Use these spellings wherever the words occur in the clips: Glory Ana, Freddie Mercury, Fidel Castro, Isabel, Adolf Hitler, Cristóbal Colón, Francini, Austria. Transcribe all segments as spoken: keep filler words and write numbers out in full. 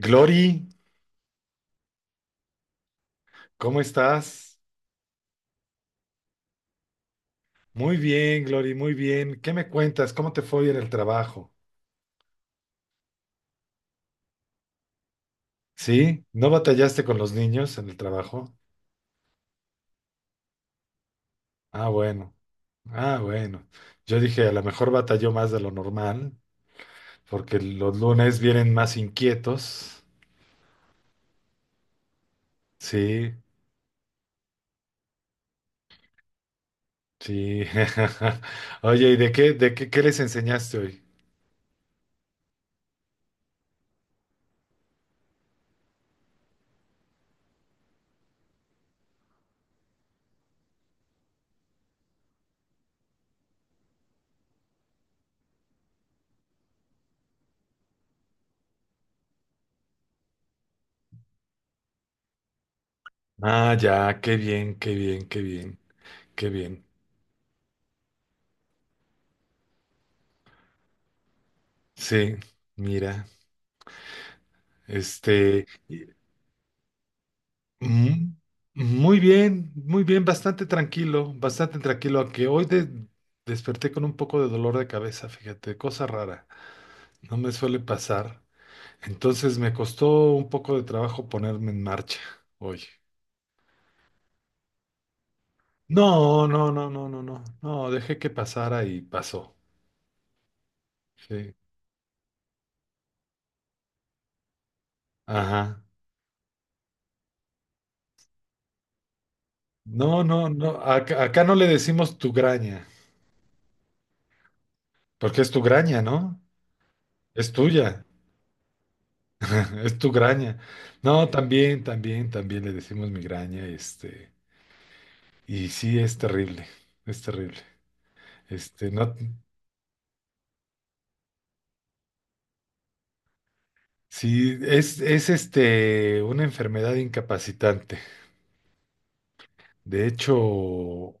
Glory, ¿cómo estás? Muy bien, Glory, muy bien. ¿Qué me cuentas? ¿Cómo te fue hoy en el trabajo? ¿Sí? ¿No batallaste con los niños en el trabajo? Ah, bueno. Ah, bueno. Yo dije, a lo mejor batalló más de lo normal, porque los lunes vienen más inquietos. Sí, sí. Oye, ¿y de qué, de qué, qué les enseñaste hoy? Ah, ya, qué bien, qué bien, qué bien, qué bien. Sí, mira, este, Mm, muy bien, muy bien, bastante tranquilo, bastante tranquilo, aunque hoy de- desperté con un poco de dolor de cabeza, fíjate, cosa rara, no me suele pasar. Entonces me costó un poco de trabajo ponerme en marcha hoy. No, no, no, no, no, no, no, dejé que pasara y pasó. Sí, ajá. No, no, no, acá, acá no le decimos tu graña, porque es tu graña, ¿no? Es tuya. Es tu graña. No, sí. También, también, también le decimos migraña, este, y sí es terrible, es terrible. Este, no, sí, es, es este, una enfermedad incapacitante. De hecho,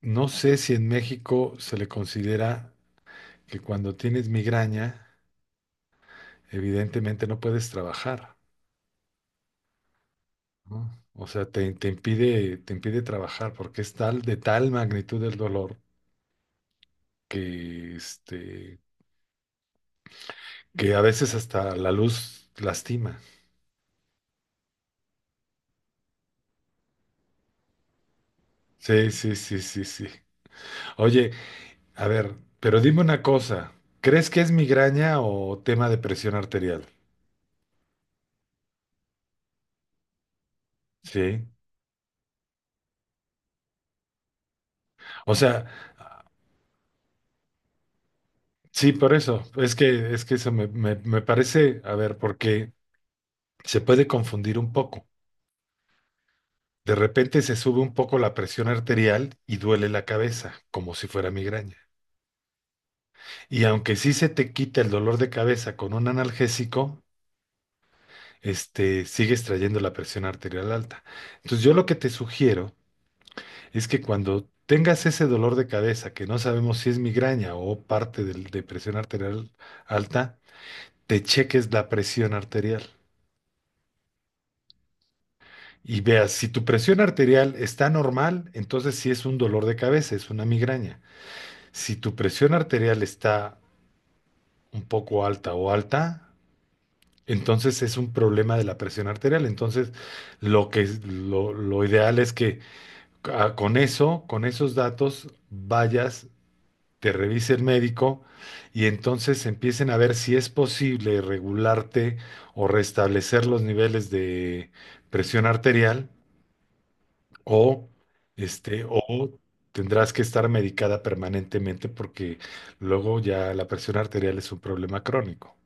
no sé si en México se le considera que cuando tienes migraña, evidentemente no puedes trabajar, ¿no? O sea, te, te impide, te impide trabajar porque es tal, de tal magnitud el dolor que este que a veces hasta la luz lastima. Sí, sí, sí, sí, sí. Oye, a ver, pero dime una cosa, ¿crees que es migraña o tema de presión arterial? Sí. O sea, sí, por eso, es que, es que eso me, me, me parece, a ver, porque se puede confundir un poco. De repente se sube un poco la presión arterial y duele la cabeza, como si fuera migraña. Y aunque sí se te quita el dolor de cabeza con un analgésico, este, sigues trayendo la presión arterial alta. Entonces, yo lo que te sugiero es que cuando tengas ese dolor de cabeza, que no sabemos si es migraña o parte del- de presión arterial alta, te cheques la presión arterial. Y veas, si tu presión arterial está normal, entonces sí es un dolor de cabeza, es una migraña. Si tu presión arterial está un poco alta o alta, entonces es un problema de la presión arterial. Entonces, lo que es- lo lo ideal es que Ah, con eso, con esos datos, vayas, te revise el médico y entonces empiecen a ver si es posible regularte o restablecer los niveles de presión arterial o este o tendrás que estar medicada permanentemente porque luego ya la presión arterial es un problema crónico.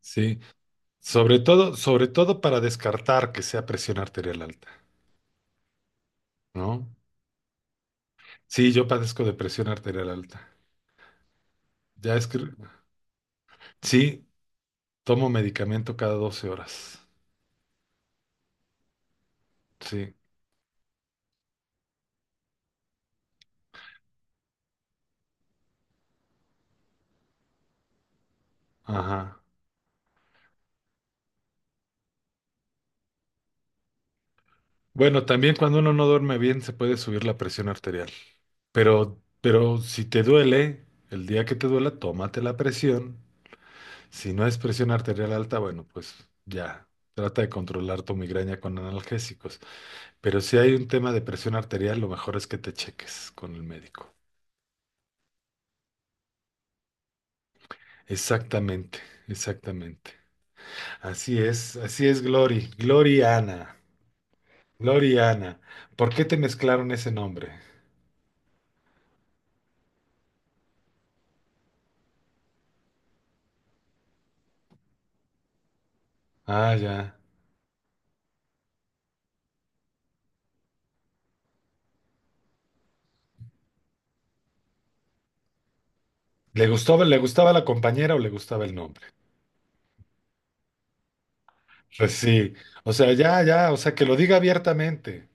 Sí, sobre todo, sobre todo para descartar que sea presión arterial alta, ¿no? Sí, yo padezco de presión arterial alta. Ya es que sí, tomo medicamento cada doce horas. Sí, ajá. Bueno, también cuando uno no duerme bien se puede subir la presión arterial. Pero, pero si te duele, el día que te duela, tómate la presión. Si no es presión arterial alta, bueno, pues ya. Trata de controlar tu migraña con analgésicos. Pero si hay un tema de presión arterial, lo mejor es que te cheques con el médico. Exactamente, exactamente. Así es, así es, Glory. Glory Ana. Gloriana. ¿Por qué te mezclaron ese nombre? Ah, ya. ¿Le gustaba, le gustaba la compañera o le gustaba el nombre? Pues sí. O sea, ya, ya. O sea, que lo diga abiertamente,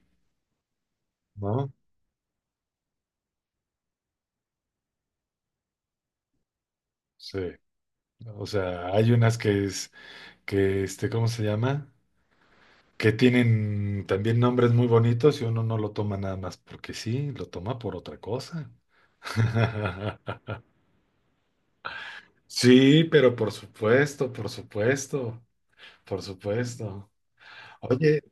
¿no? Sí. O sea, hay unas que es, que este, ¿cómo se llama? Que tienen también nombres muy bonitos y uno no lo toma nada más porque sí, lo toma por otra cosa. Sí, pero por supuesto, por supuesto, por supuesto. Oye.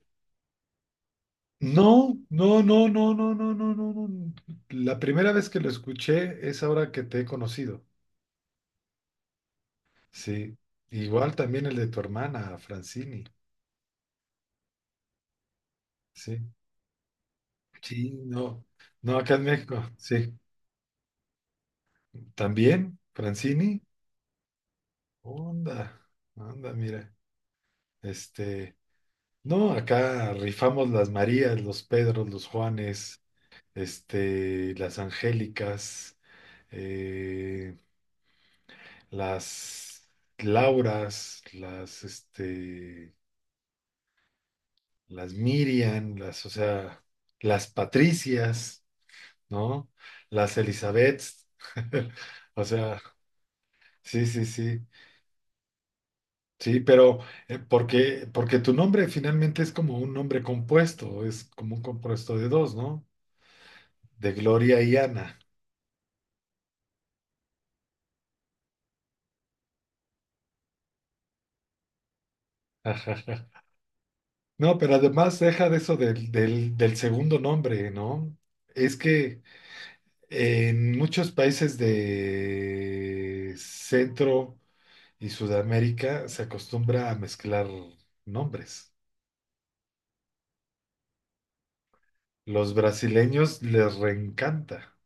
No, no, no, no, no, no, no, no, no. La primera vez que lo escuché es ahora que te he conocido. Sí. Igual también el de tu hermana, Francini. Sí. Sí, no. No, acá en México. Sí. También, Francini. Onda, onda, mira. Este. No, acá rifamos las Marías, los Pedros, los Juanes, este, las Angélicas, eh, las Lauras, las, este, las Miriam, las, o sea, las Patricias, ¿no? Las Elizabeths, o sea, sí, sí, sí, sí, pero eh, porque, porque tu nombre finalmente es como un nombre compuesto, es como un compuesto de dos, ¿no? De Gloria y Ana. No, pero además deja de eso del, del, del segundo nombre, ¿no? Es que En muchos países de Centro y Sudamérica se acostumbra a mezclar nombres. Los brasileños les reencanta.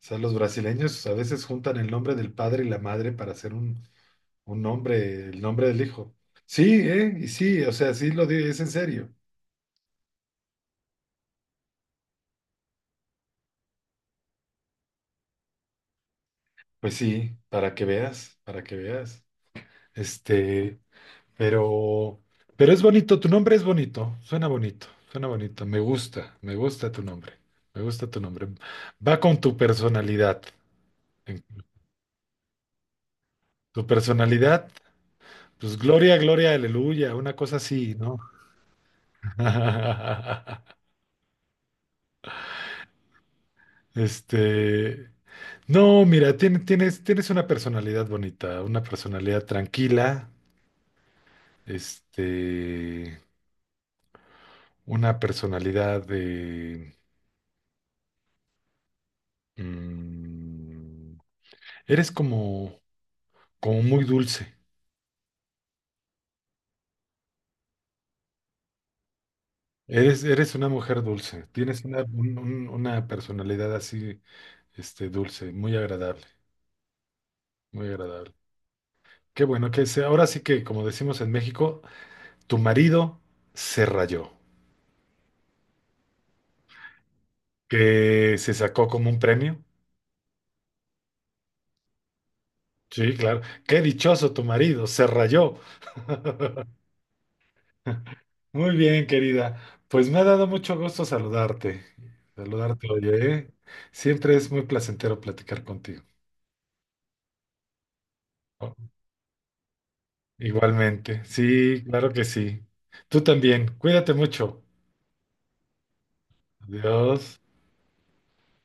O sea, los brasileños a veces juntan el nombre del padre y la madre para hacer un, un nombre, el nombre del hijo. Sí, ¿eh? Y sí, o sea, sí lo digo, es en serio. Pues sí, para que veas, para que veas. Este, Pero, pero es bonito, tu nombre es bonito, suena bonito, suena bonito, me gusta, me gusta tu nombre, me gusta tu nombre. Va con tu personalidad. En tu personalidad, pues gloria, gloria, aleluya, una cosa así, ¿no? Este, no, mira, tien- tienes, tienes una personalidad bonita, una personalidad tranquila, este, una personalidad de... mm, eres como... como muy dulce. Eres, eres una mujer dulce. Tienes una, un- un- una personalidad así, este, dulce, muy agradable, muy agradable. Qué bueno que se. Ahora sí que, como decimos en México, tu marido se rayó, que se sacó como un premio. Sí, claro. Qué dichoso tu marido, se rayó. Muy bien, querida. Pues me ha dado mucho gusto saludarte. Saludarte, oye, ¿eh? Siempre es muy placentero platicar contigo. Igualmente. Sí, claro que sí. Tú también. Cuídate mucho. Adiós.